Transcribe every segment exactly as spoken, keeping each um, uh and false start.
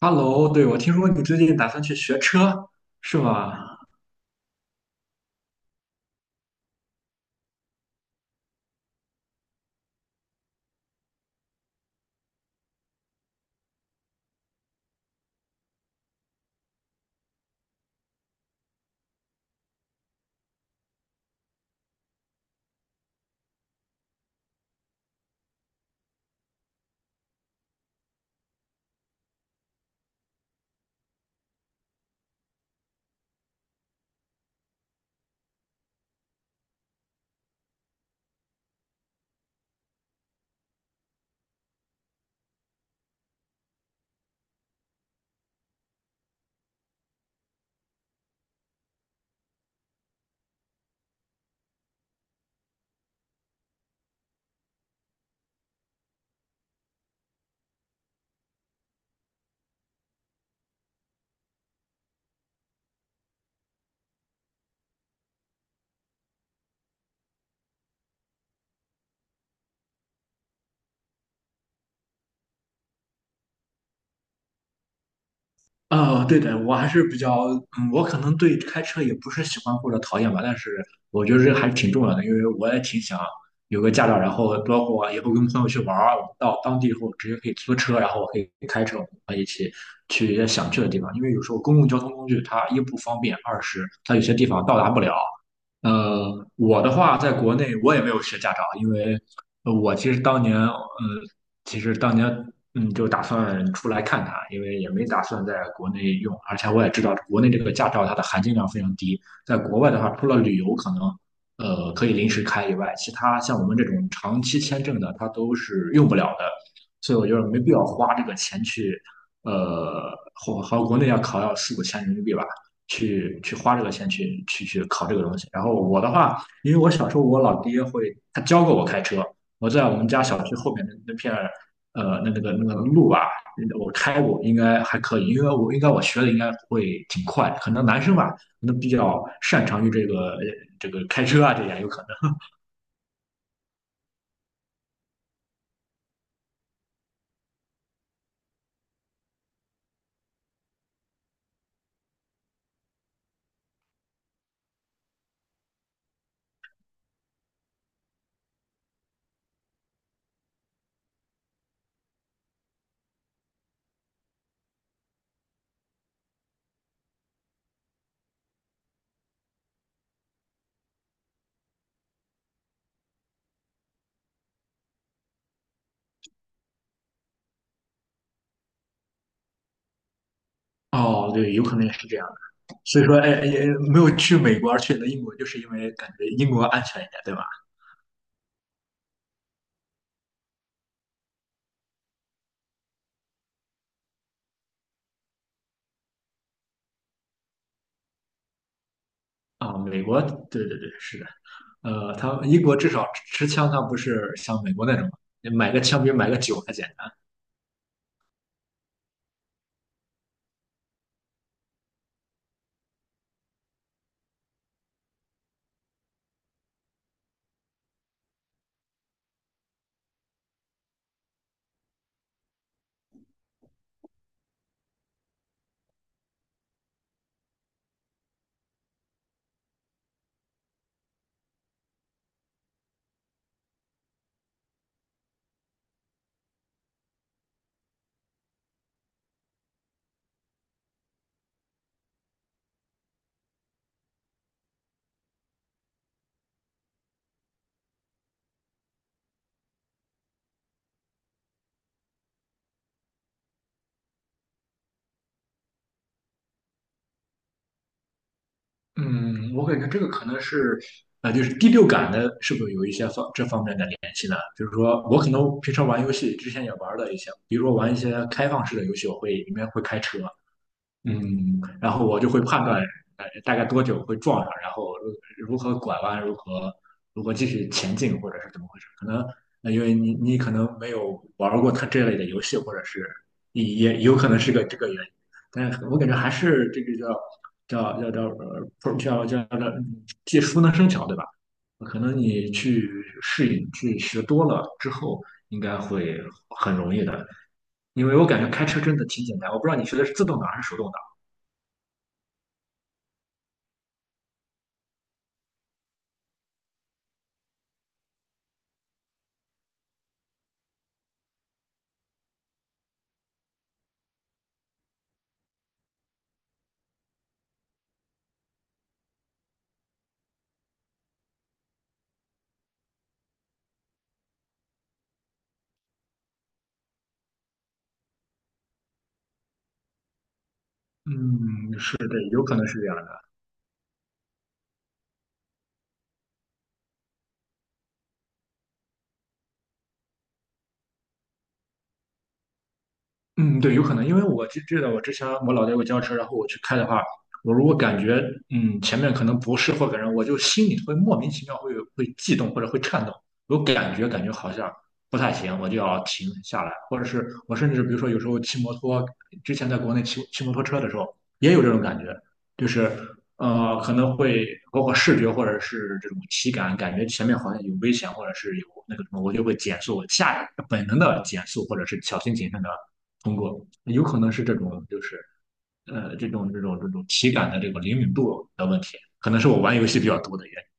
Hello，对，我听说你最近打算去学车，是吗？哦，对的，我还是比较，嗯，我可能对开车也不是喜欢或者讨厌吧，但是我觉得这还是挺重要的，因为我也挺想有个驾照，然后包括以后跟朋友去玩儿，我们到当地以后直接可以租车，然后我可以开车，我们可以一起去一些想去的地方，因为有时候公共交通工具它一不方便，二是它有些地方到达不了。呃，我的话，在国内我也没有学驾照，因为呃我其实当年，嗯。其实当年嗯就打算出来看看啊，因为也没打算在国内用，而且我也知道国内这个驾照它的含金量非常低，在国外的话，除了旅游可能呃可以临时开以外，其他像我们这种长期签证的，它都是用不了的，所以我觉得没必要花这个钱去呃，和和国内要考要四五千人民币吧。去去花这个钱去去去考这个东西。然后我的话，因为我小时候我老爹会他教过我开车，我在我们家小区后面的那片呃，那那个那个路啊，我开过，应该还可以，因为我应该我学的应该会挺快，可能男生吧，可能比较擅长于这个这个开车啊，这样有可能。哦，对，有可能也是这样。所以说，哎，哎也没有去美国，而去了英国，就是因为感觉英国安全一点，对吧？啊，美国，对对对，是的。呃，他英国至少持枪，他不是像美国那种买个枪比买个酒还简。嗯，我感觉这个可能是，呃，就是第六感的，是不是有一些方这方面的联系呢？就是说，我可能平常玩游戏之前也玩了一些，比如说玩一些开放式的游戏，我会里面会开车，嗯，然后我就会判断，呃，大概多久会撞上，然后如何拐弯，如何如何继续前进，或者是怎么回事？可能，呃，因为你你可能没有玩过它这类的游戏，或者是也也有可能是个这个原因。但是我感觉还是这个叫叫叫叫呃，不叫叫叫技熟能生巧，对吧？可能你去适应、去学多了之后，应该会很容易的。因为我感觉开车真的挺简单，我不知道你学的是自动挡还是手动挡。嗯，是对，有可能是这样的。嗯，对，有可能，因为我记记得我之前我老爹给我教车，然后我去开的话，我如果感觉嗯前面可能不是或者人，我就心里会莫名其妙会会悸动或者会颤抖，有感觉感觉好像不太行，我就要停下来，或者是我甚至比如说有时候骑摩托，之前在国内骑骑摩托车的时候也有这种感觉，就是呃可能会包括视觉或者是这种体感，感觉前面好像有危险或者是有那个什么，我就会减速，下本能的减速或者是小心谨慎的。通过，有可能是这种就是呃这种这种这种体感的这个灵敏度的问题，可能是我玩游戏比较多的原因。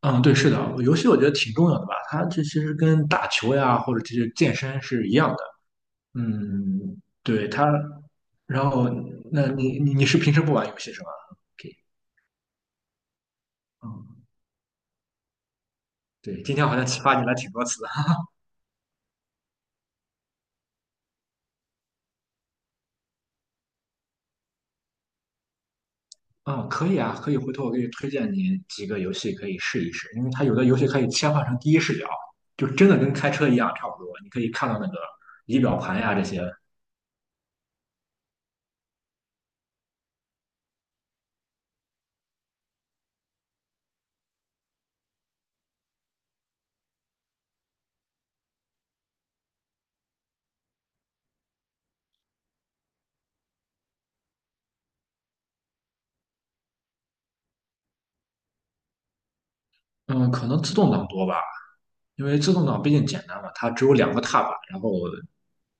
嗯，对，是的，游戏我觉得挺重要的吧，它这其实跟打球呀或者这些健身是一样的。嗯，对它，然后那你你你是平时不玩游戏是吧？OK，嗯，对，今天好像启发你了挺多次。嗯，可以啊，可以，回头我给你推荐你几个游戏可以试一试，因为它有的游戏可以切换成第一视角，就真的跟开车一样差不多，你可以看到那个仪表盘呀这些。嗯，可能自动挡多吧，因为自动挡毕竟简单嘛，它只有两个踏板，然后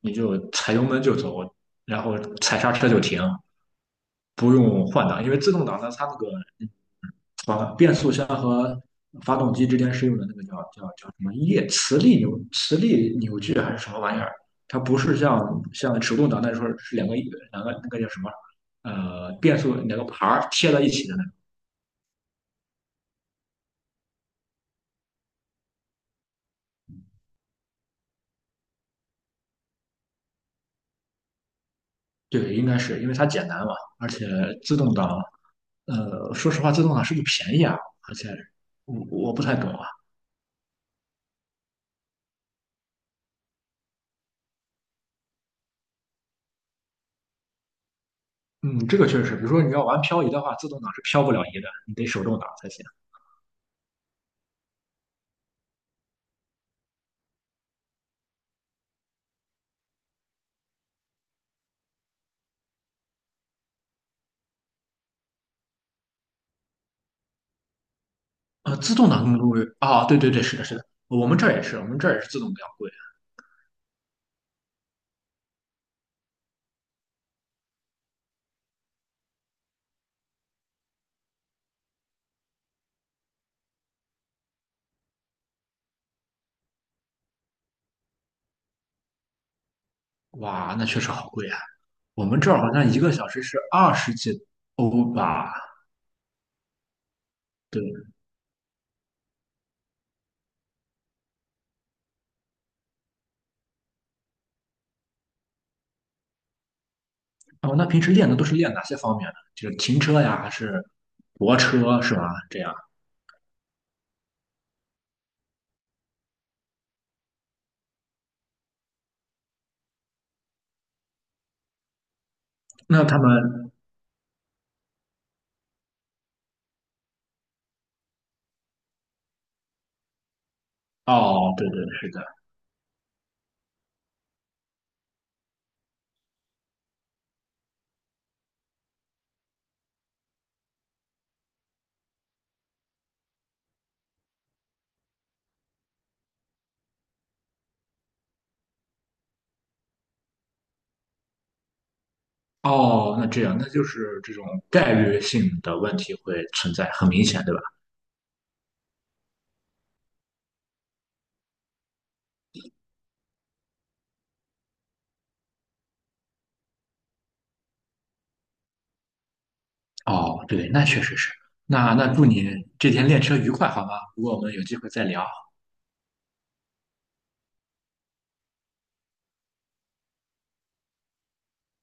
你就踩油门就走，然后踩刹车就停，不用换挡，因为自动挡呢，它那个和变速箱和发动机之间是用的那个叫叫叫什么液磁力扭磁力扭矩还是什么玩意儿？它不是像像手动挡那时候是两个两个那个叫什么呃变速两个盘儿贴在一起的那种。对，应该是因为它简单嘛，而且自动挡呃说实话自动挡是不是便宜啊？而且我我不太懂啊。嗯，这个确实，比如说你要玩漂移的话，自动挡是漂不了移的，你得手动挡才行。呃，自动挡更贵啊，对对对，是的，是的，我们这儿也是，我们这儿也是自动比较贵。哇，那确实好贵啊！我们这儿好像一个小时是二十几欧吧？对，哦，那平时练的都是练哪些方面呢？就是停车呀，还是泊车是吧？这样，那他们哦，对对是的，哦，那这样，那就是这种概率性的问题会存在，很明显，对吧？哦，对，那确实是。那那祝你这天练车愉快，好吗？如果我们有机会再聊。